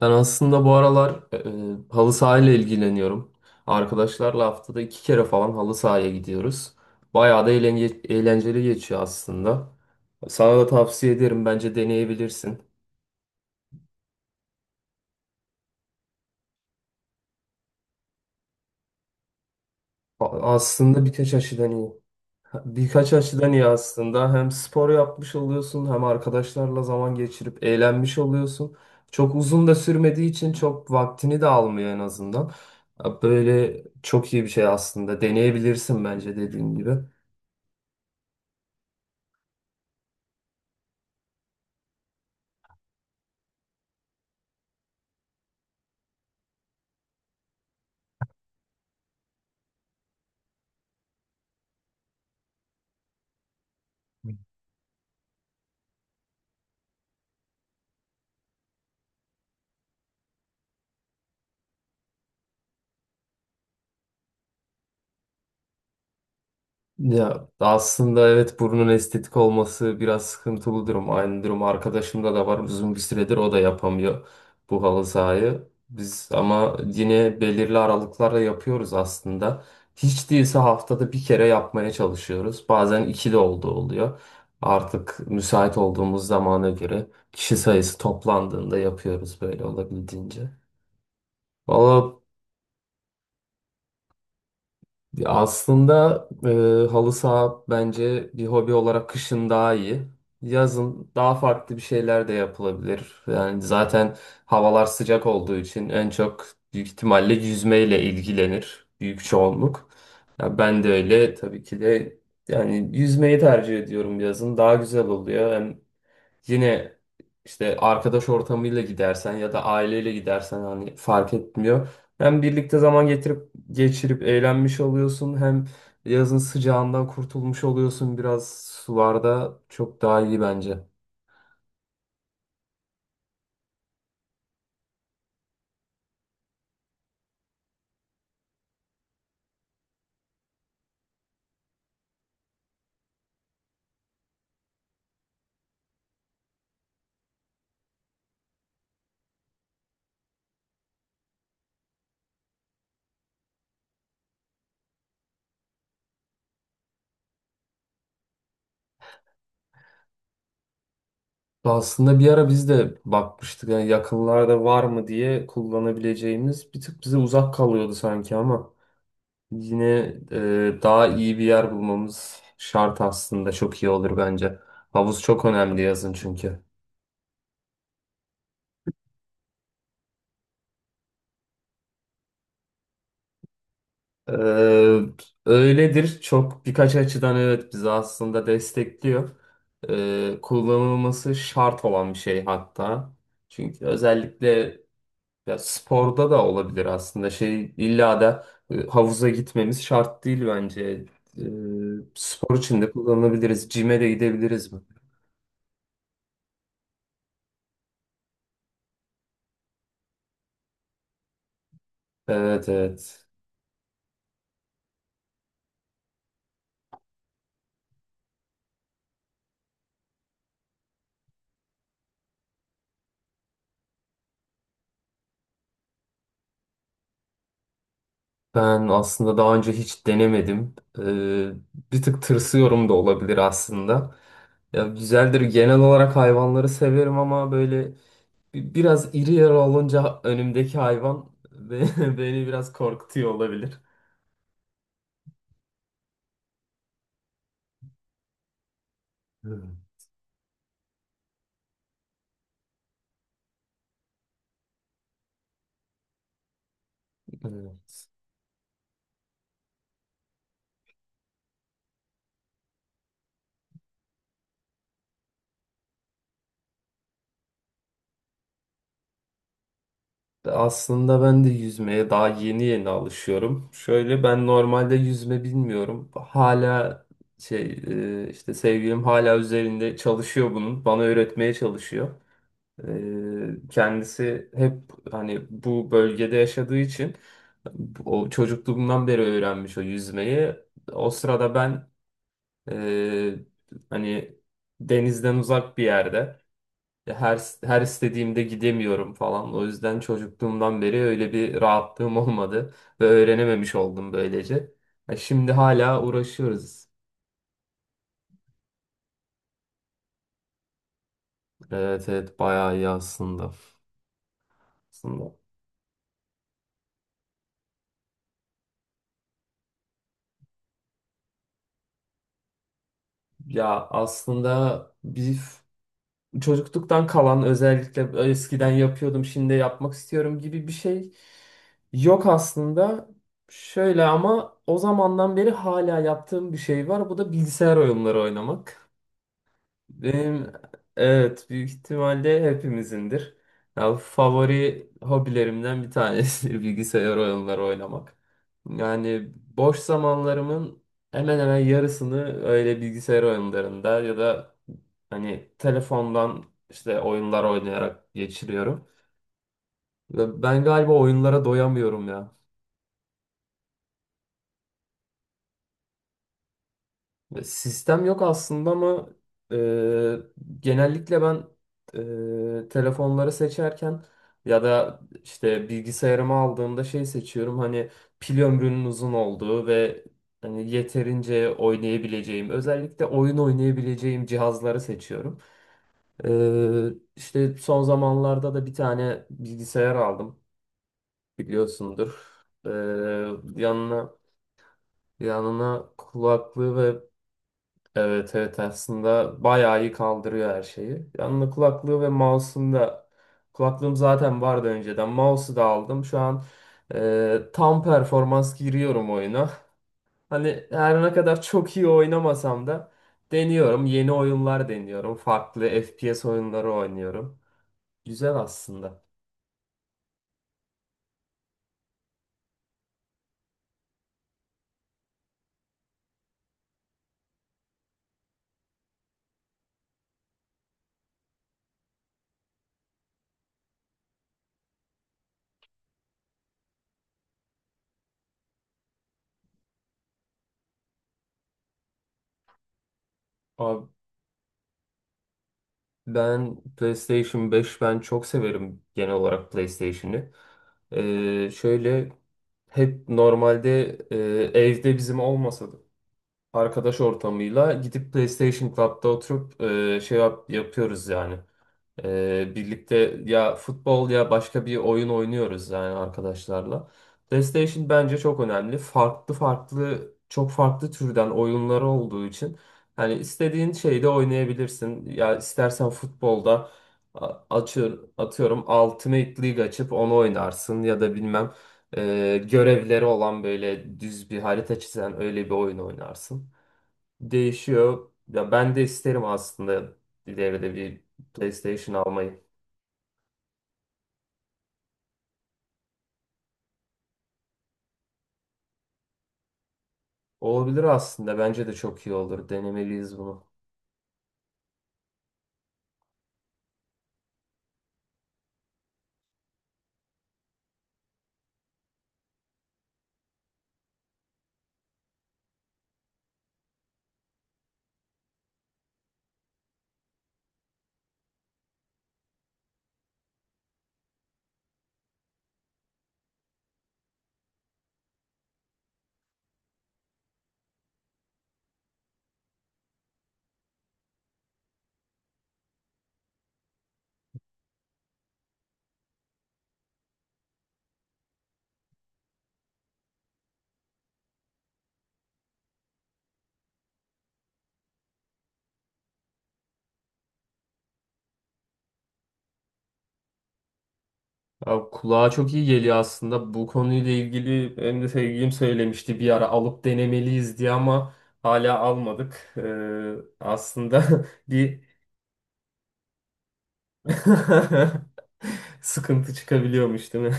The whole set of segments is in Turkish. Ben aslında bu aralar halı sahayla ilgileniyorum. Arkadaşlarla haftada iki kere falan halı sahaya gidiyoruz. Bayağı da eğlenceli geçiyor aslında. Sana da tavsiye ederim. Bence deneyebilirsin. A- Aslında birkaç açıdan iyi. Birkaç açıdan iyi aslında. Hem spor yapmış oluyorsun hem arkadaşlarla zaman geçirip eğlenmiş oluyorsun. Çok uzun da sürmediği için çok vaktini de almıyor en azından. Böyle çok iyi bir şey aslında. Deneyebilirsin bence dediğim gibi. Ya aslında evet, burnun estetik olması biraz sıkıntılı durum. Aynı durum arkadaşımda da var. Uzun bir süredir o da yapamıyor bu halı sahayı. Biz ama yine belirli aralıklarla yapıyoruz aslında. Hiç değilse haftada bir kere yapmaya çalışıyoruz. Bazen iki de olduğu oluyor. Artık müsait olduğumuz zamana göre kişi sayısı toplandığında yapıyoruz böyle olabildiğince. Valla, ya aslında halı saha bence bir hobi olarak kışın daha iyi. Yazın daha farklı bir şeyler de yapılabilir. Yani zaten havalar sıcak olduğu için en çok büyük ihtimalle yüzmeyle ilgilenir büyük çoğunluk. Ya ben de öyle tabii ki de, yani yüzmeyi tercih ediyorum yazın. Daha güzel oluyor. Hem yine işte arkadaş ortamıyla gidersen ya da aileyle gidersen hani fark etmiyor. Hem birlikte zaman geçirip eğlenmiş oluyorsun hem yazın sıcağından kurtulmuş oluyorsun, biraz sularda çok daha iyi bence. Aslında bir ara biz de bakmıştık yani yakınlarda var mı diye kullanabileceğimiz, bir tık bize uzak kalıyordu sanki ama yine daha iyi bir yer bulmamız şart, aslında çok iyi olur bence. Havuz çok önemli yazın çünkü. Ee, Öyledir. Çok birkaç açıdan evet, bizi aslında destekliyor. Kullanılması şart olan bir şey hatta. Çünkü özellikle ya sporda da olabilir aslında. Şey, illa da havuza gitmemiz şart değil bence. Ee, Spor için de kullanabiliriz, Cime de gidebiliriz mi? Evet, evet. Ben aslında daha önce hiç denemedim. Bir tık tırsıyorum da olabilir aslında. Ya güzeldir. Genel olarak hayvanları severim ama böyle biraz iri yarı olunca önümdeki hayvan beni biraz korkutuyor olabilir. Hmm. Evet. Aslında ben de yüzmeye daha yeni yeni alışıyorum. Şöyle, ben normalde yüzme bilmiyorum. Hala şey, işte sevgilim hala üzerinde çalışıyor bunun. Bana öğretmeye çalışıyor. Kendisi hep hani bu bölgede yaşadığı için o çocukluğumdan beri öğrenmiş o yüzmeyi. O sırada ben e, hani denizden uzak bir yerde her istediğimde gidemiyorum falan. O yüzden çocukluğumdan beri öyle bir rahatlığım olmadı ve öğrenememiş oldum böylece. Ha, şimdi hala uğraşıyoruz. Evet, evet, bayağı iyi aslında. Aslında. Ya aslında bir çocukluktan kalan, özellikle eskiden yapıyordum şimdi yapmak istiyorum gibi bir şey yok aslında. Şöyle ama o zamandan beri hala yaptığım bir şey var. Bu da bilgisayar oyunları oynamak. Benim, evet, büyük ihtimalle hepimizindir. Ya, favori hobilerimden bir tanesidir bilgisayar oyunları oynamak. Yani boş zamanlarımın hemen hemen yarısını öyle bilgisayar oyunlarında ya da hani telefondan işte oyunlar oynayarak geçiriyorum. Ve ben galiba oyunlara doyamıyorum ya. Sistem yok aslında ama e, genellikle ben telefonları seçerken ya da işte bilgisayarımı aldığımda şey seçiyorum, hani pil ömrünün uzun olduğu ve hani yeterince oynayabileceğim, özellikle oyun oynayabileceğim cihazları seçiyorum. E, işte son zamanlarda da bir tane bilgisayar aldım, biliyorsundur. E, yanına yanına kulaklığı. Evet, evet, aslında bayağı iyi kaldırıyor her şeyi. Yanına kulaklığı ve mouse'um da, kulaklığım zaten vardı önceden. Mouse'u da aldım. Şu an tam performans giriyorum oyuna. Hani her ne kadar çok iyi oynamasam da deniyorum. Yeni oyunlar deniyorum. Farklı FPS oyunları oynuyorum. Güzel aslında. Abi, ben PlayStation 5, ben çok severim genel olarak PlayStation'ı. Şöyle hep normalde evde bizim olmasa da arkadaş ortamıyla gidip PlayStation Club'da oturup şey yapıyoruz yani. Birlikte ya futbol ya başka bir oyun oynuyoruz yani arkadaşlarla. PlayStation bence çok önemli. Farklı farklı, çok farklı türden oyunları olduğu için hani istediğin şeyde oynayabilirsin. Ya istersen futbolda açıyor atıyorum Ultimate League açıp onu oynarsın, ya da bilmem görevleri olan böyle düz bir harita çizen öyle bir oyun oynarsın. Değişiyor. Ya ben de isterim aslında ileride bir PlayStation almayı. Olabilir aslında. Bence de çok iyi olur. Denemeliyiz bunu. Abi, kulağa çok iyi geliyor aslında. Bu konuyla ilgili benim de sevgilim söylemişti bir ara alıp denemeliyiz diye ama hala almadık. Aslında bir sıkıntı çıkabiliyormuş değil mi?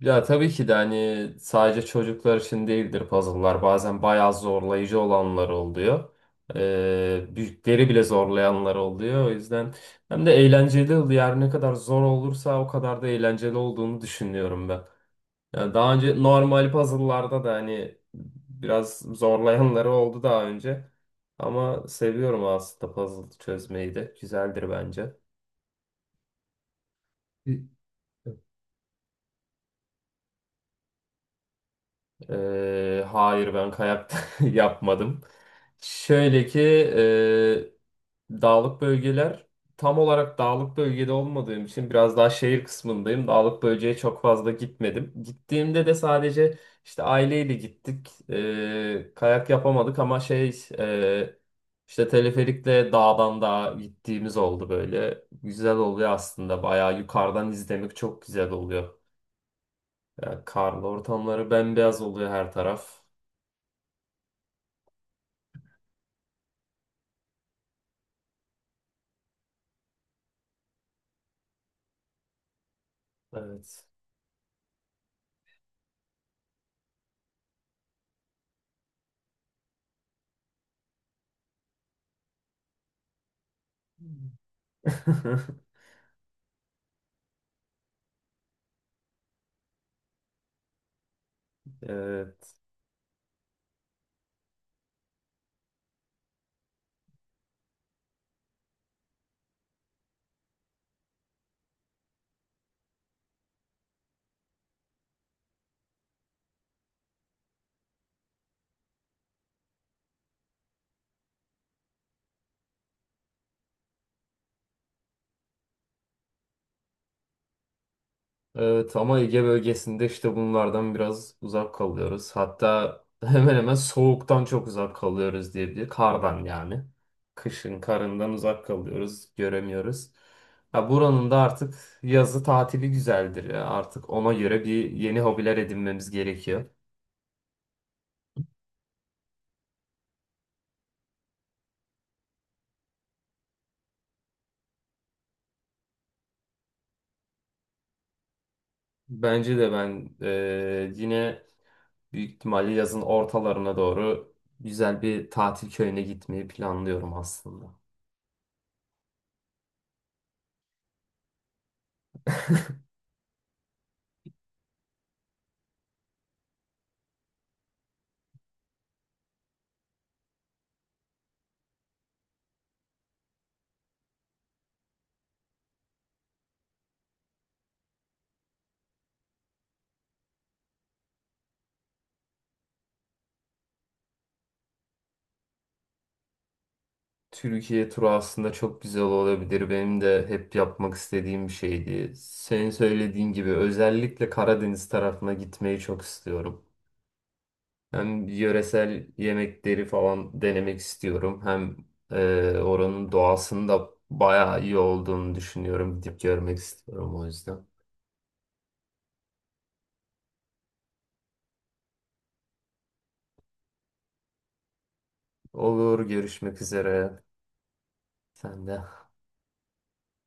Ya tabii ki de, hani sadece çocuklar için değildir puzzle'lar. Bazen bayağı zorlayıcı olanlar oluyor. Büyükleri bile zorlayanlar oluyor. O yüzden hem de eğlenceli oluyor. Her ne kadar zor olursa o kadar da eğlenceli olduğunu düşünüyorum ben. Yani daha önce normal puzzle'larda da hani biraz zorlayanları oldu daha önce. Ama seviyorum aslında puzzle çözmeyi de. Güzeldir bence. Hayır, ben kayak yapmadım. Şöyle ki dağlık bölgeler, tam olarak dağlık bölgede olmadığım için biraz daha şehir kısmındayım. Dağlık bölgeye çok fazla gitmedim. Gittiğimde de sadece işte aileyle gittik. Kayak yapamadık ama şey, işte teleferikle dağdan dağa gittiğimiz oldu böyle. Güzel oluyor aslında. Bayağı yukarıdan izlemek çok güzel oluyor. Yani karlı ortamları bembeyaz oluyor her taraf. Evet. Evet. Evet ama Ege bölgesinde işte bunlardan biraz uzak kalıyoruz. Hatta hemen hemen soğuktan çok uzak kalıyoruz diyebilir. Kardan yani. Kışın karından uzak kalıyoruz, göremiyoruz. Ya buranın da artık yazı tatili güzeldir ya. Artık ona göre bir yeni hobiler edinmemiz gerekiyor. Bence de. Ben yine büyük ihtimalle yazın ortalarına doğru güzel bir tatil köyüne gitmeyi planlıyorum aslında. Türkiye turu aslında çok güzel olabilir. Benim de hep yapmak istediğim bir şeydi. Senin söylediğin gibi özellikle Karadeniz tarafına gitmeyi çok istiyorum. Hem yöresel yemekleri falan denemek istiyorum. Hem oranın doğasının da bayağı iyi olduğunu düşünüyorum. Gidip görmek istiyorum o yüzden. Olur, görüşmek üzere. Sen de.